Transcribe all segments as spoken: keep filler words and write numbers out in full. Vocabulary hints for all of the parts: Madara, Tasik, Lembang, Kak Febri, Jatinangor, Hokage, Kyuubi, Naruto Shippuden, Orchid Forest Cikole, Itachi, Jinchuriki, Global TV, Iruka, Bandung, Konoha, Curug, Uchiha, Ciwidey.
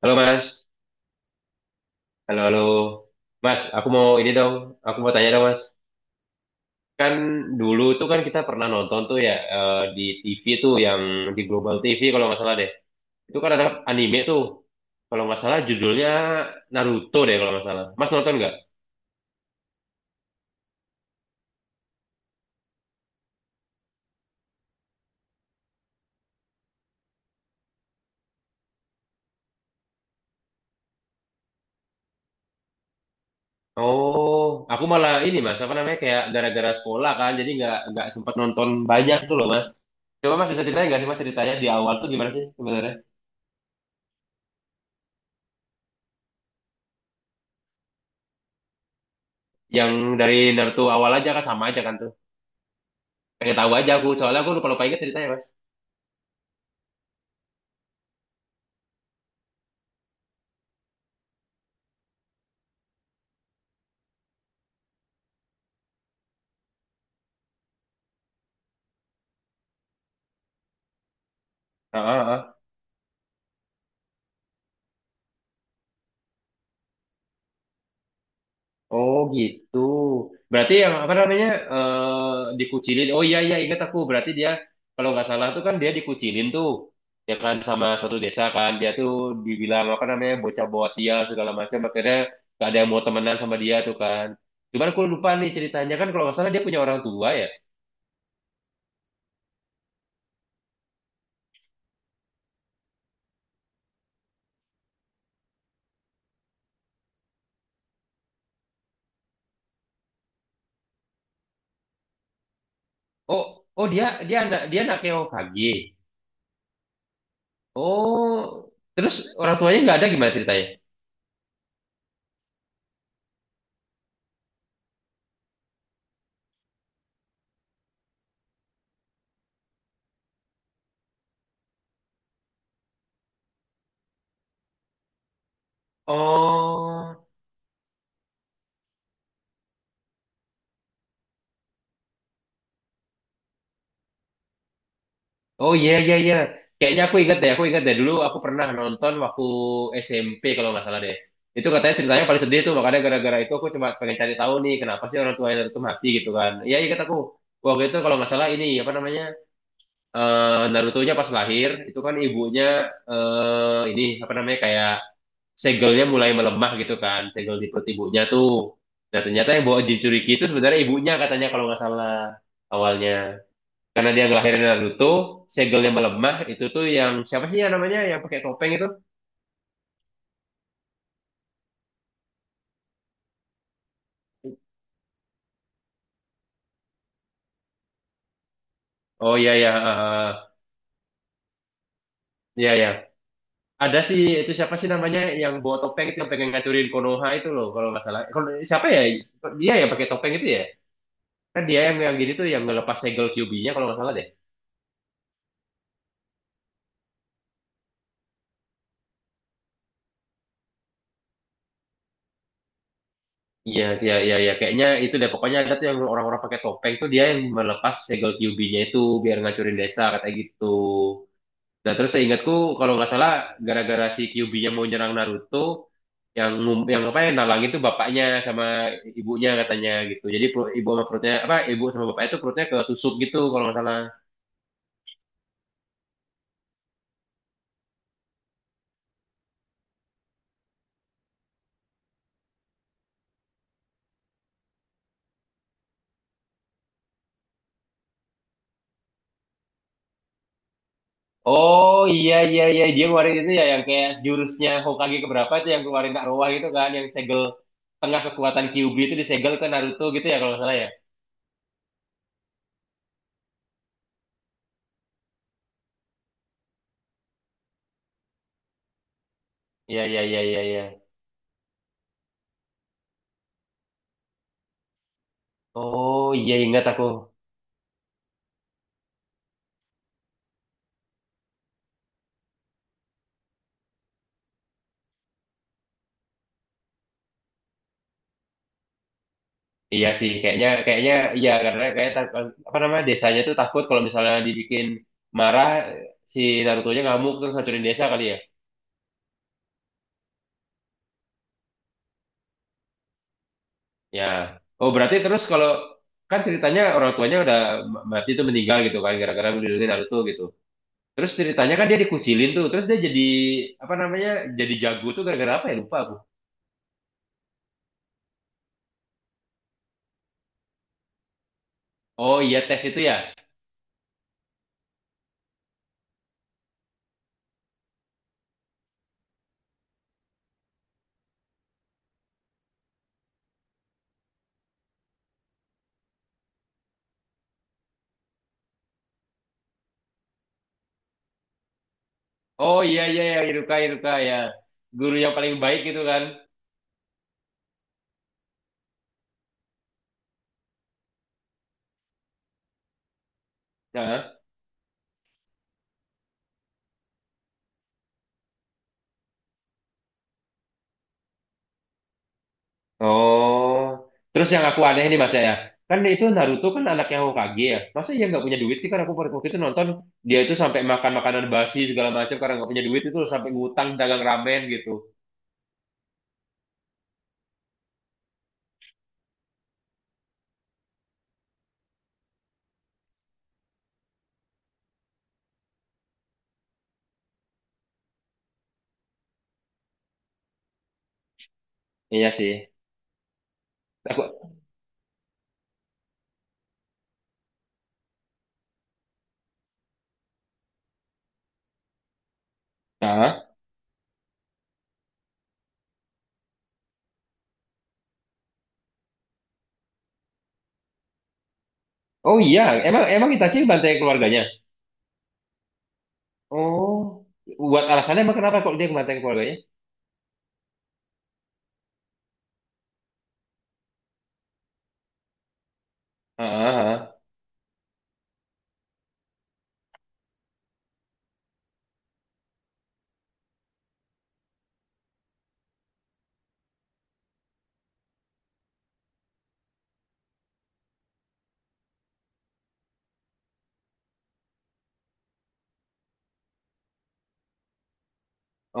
Halo Mas, halo halo Mas, aku mau ini dong, aku mau tanya dong Mas. Kan dulu tuh kan kita pernah nonton tuh ya eh, di T V tuh yang di Global T V kalau nggak salah deh. Itu kan ada anime tuh, kalau nggak salah judulnya Naruto deh kalau nggak salah. Mas nonton nggak? Oh, aku malah ini Mas, apa namanya kayak gara-gara sekolah kan, jadi nggak nggak sempat nonton banyak tuh loh Mas. Coba Mas bisa ceritain nggak sih Mas ceritanya di awal tuh gimana sih sebenarnya? Yang dari Naruto awal aja kan sama aja kan tuh. Pengen tahu aja aku, soalnya aku lupa lupa ingat ceritanya Mas. Ah, ah, ah. Oh gitu, berarti yang apa namanya eh dikucilin, oh iya iya ingat aku. Berarti dia kalau nggak salah tuh kan dia dikucilin tuh ya kan sama suatu desa kan. Dia tuh dibilang apa namanya bocah bawa sial segala macam, akhirnya gak ada yang mau temenan sama dia tuh kan. Cuman aku lupa nih ceritanya kan, kalau nggak salah dia punya orang tua ya. Oh, oh, dia dia anak dia anaknya O K G. Oh terus, orang tuanya nggak ada, gimana ceritanya? Oh, oh iya iya iya. Kayaknya aku ingat deh, aku ingat deh dulu aku pernah nonton waktu S M P kalau nggak salah deh. Itu katanya ceritanya paling sedih tuh, makanya gara-gara itu aku cuma pengen cari tahu nih kenapa sih orang tua Naruto mati gitu kan. Iya ingat aku. Waktu itu kalau nggak salah ini apa namanya eh Naruto-nya pas lahir itu kan ibunya eh ini apa namanya kayak segelnya mulai melemah gitu kan, segel di perut ibunya tuh. Nah, ternyata yang bawa Jinchuriki itu sebenarnya ibunya katanya kalau nggak salah awalnya. Karena dia ngelahirin Naruto, segelnya melemah, itu tuh yang siapa sih ya namanya yang pakai topeng itu? Oh iya ya, eh, iya ya. Ada sih itu siapa sih namanya yang bawa topeng itu yang pengen ngacurin Konoha itu loh, kalau nggak salah. Kon- siapa ya? Dia yang pakai topeng itu ya? Kan dia yang yang gini tuh yang ngelepas segel Kyuubi-nya kalau nggak salah deh. Iya, iya, iya, iya. Kayaknya itu deh. Pokoknya ada tuh yang orang-orang pakai topeng tuh dia yang melepas segel Kyuubi-nya itu biar ngacurin desa katanya gitu. Nah, terus seingatku kalau nggak salah gara-gara si Kyuubi-nya mau nyerang Naruto, yang yang apa yang nalang itu bapaknya sama ibunya katanya gitu. Jadi perut- ibu sama perutnya, apa ibu sama bapaknya itu, perutnya ketusuk gitu kalau nggak salah. Oh iya iya iya, dia ngeluarin itu ya yang kayak jurusnya Hokage keberapa itu yang keluarin Kak Roa gitu kan, yang segel tengah kekuatan Kyuubi itu disegel ke Naruto gitu ya kalau nggak salah ya. Iya iya iya iya iya. Oh iya ingat aku. Iya sih kayaknya kayaknya iya, karena kayak tak- apa namanya desanya tuh takut kalau misalnya dibikin marah si Naruto-nya ngamuk terus hancurin desa kali ya. Ya. Oh, berarti terus kalau kan ceritanya orang tuanya udah m- mati tuh meninggal gitu kan gara-gara melindungi Naruto gitu. Terus ceritanya kan dia dikucilin tuh, terus dia jadi apa namanya? Jadi jago tuh gara-gara apa ya? Lupa aku. Oh iya tes itu ya. Oh iya iya ya Iruka Iruka ya. Guru yang paling baik gitu kan. Nah. Oh. Terus yang aku aneh nih Mas ya. Kan itu Naruto kan anaknya Hokage ya. Masa iya nggak punya duit sih, kan aku waktu itu nonton dia itu sampai makan makanan basi segala macam karena nggak punya duit, itu sampai ngutang dagang ramen gitu. Iya sih. Aku, ah, oh iya, emang emang Itachi banteng keluarganya. Oh, buat alasannya emang kenapa kok dia ngebanteng keluarganya? Ah, ah, ah.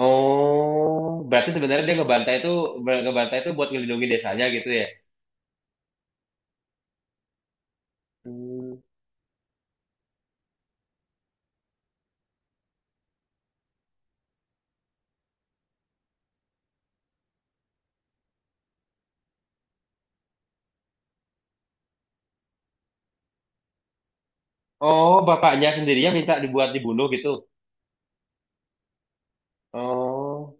Oh, berarti sebenarnya dia ngebantai itu ngebantai itu buat ngelindungi desanya gitu ya. Hmm. Oh, bapaknya sendirinya minta dibuat dibunuh gitu. Oh,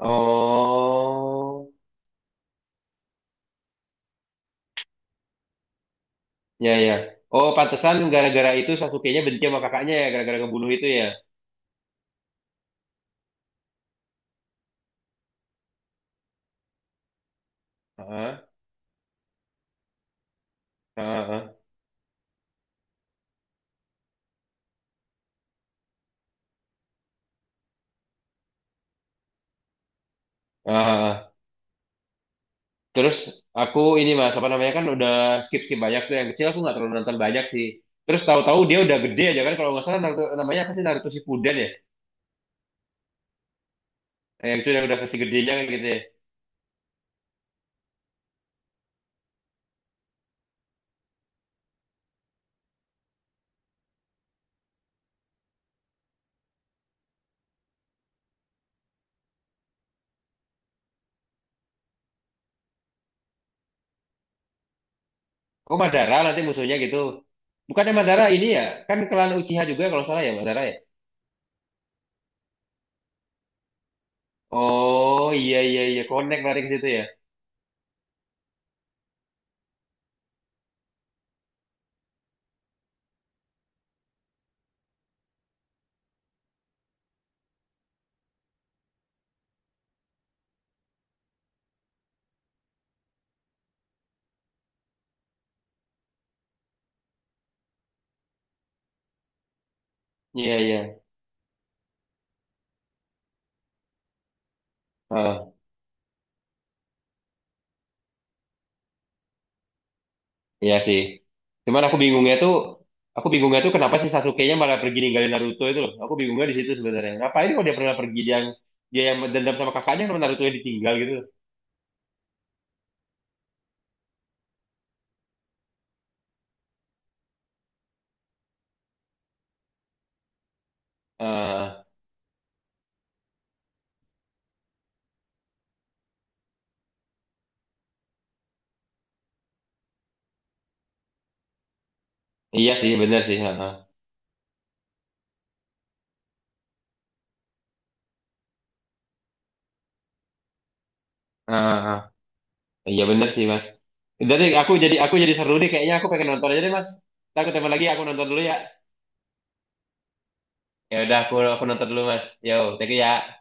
oh, ya ya. Oh, pantesan gara-gara itu Sasuke-nya benci sama kakaknya ya, gara-gara ngebunuh itu ya. Ah, ah, ah, ah, ah. Terus aku ini Mas apa namanya, kan udah skip skip banyak tuh yang kecil aku nggak terlalu nonton banyak sih. Terus tahu-tahu dia udah gede aja kan kalau nggak salah Naruto, namanya apa sih Naruto Shippuden ya? Eh, Yang itu yang udah versi gedenya kan gitu ya. Oh Madara nanti musuhnya gitu. Bukannya Madara ini ya? Kan klan Uchiha juga kalau salah ya Madara ya. Oh iya iya iya, connect lari ke situ ya. Iya iya. Oh. Iya sih. Cuman aku bingungnya tuh, aku bingungnya tuh kenapa sih Sasuke-nya malah pergi ninggalin Naruto itu loh. Aku bingungnya di situ sebenarnya. Ngapain kalau dia pernah pergi, dia yang dia yang dendam sama kakaknya kalau Naruto yang ditinggal gitu loh. Eh, iya sih, bener sih. Heeh. Heeh. Iya bener sih, Mas. Jadi aku jadi aku jadi seru deh kayaknya, aku pengen nonton aja deh, Mas. Ntar ketemu lagi, aku nonton dulu ya. Ya udah aku aku nonton dulu, Mas. Yo, thank you ya.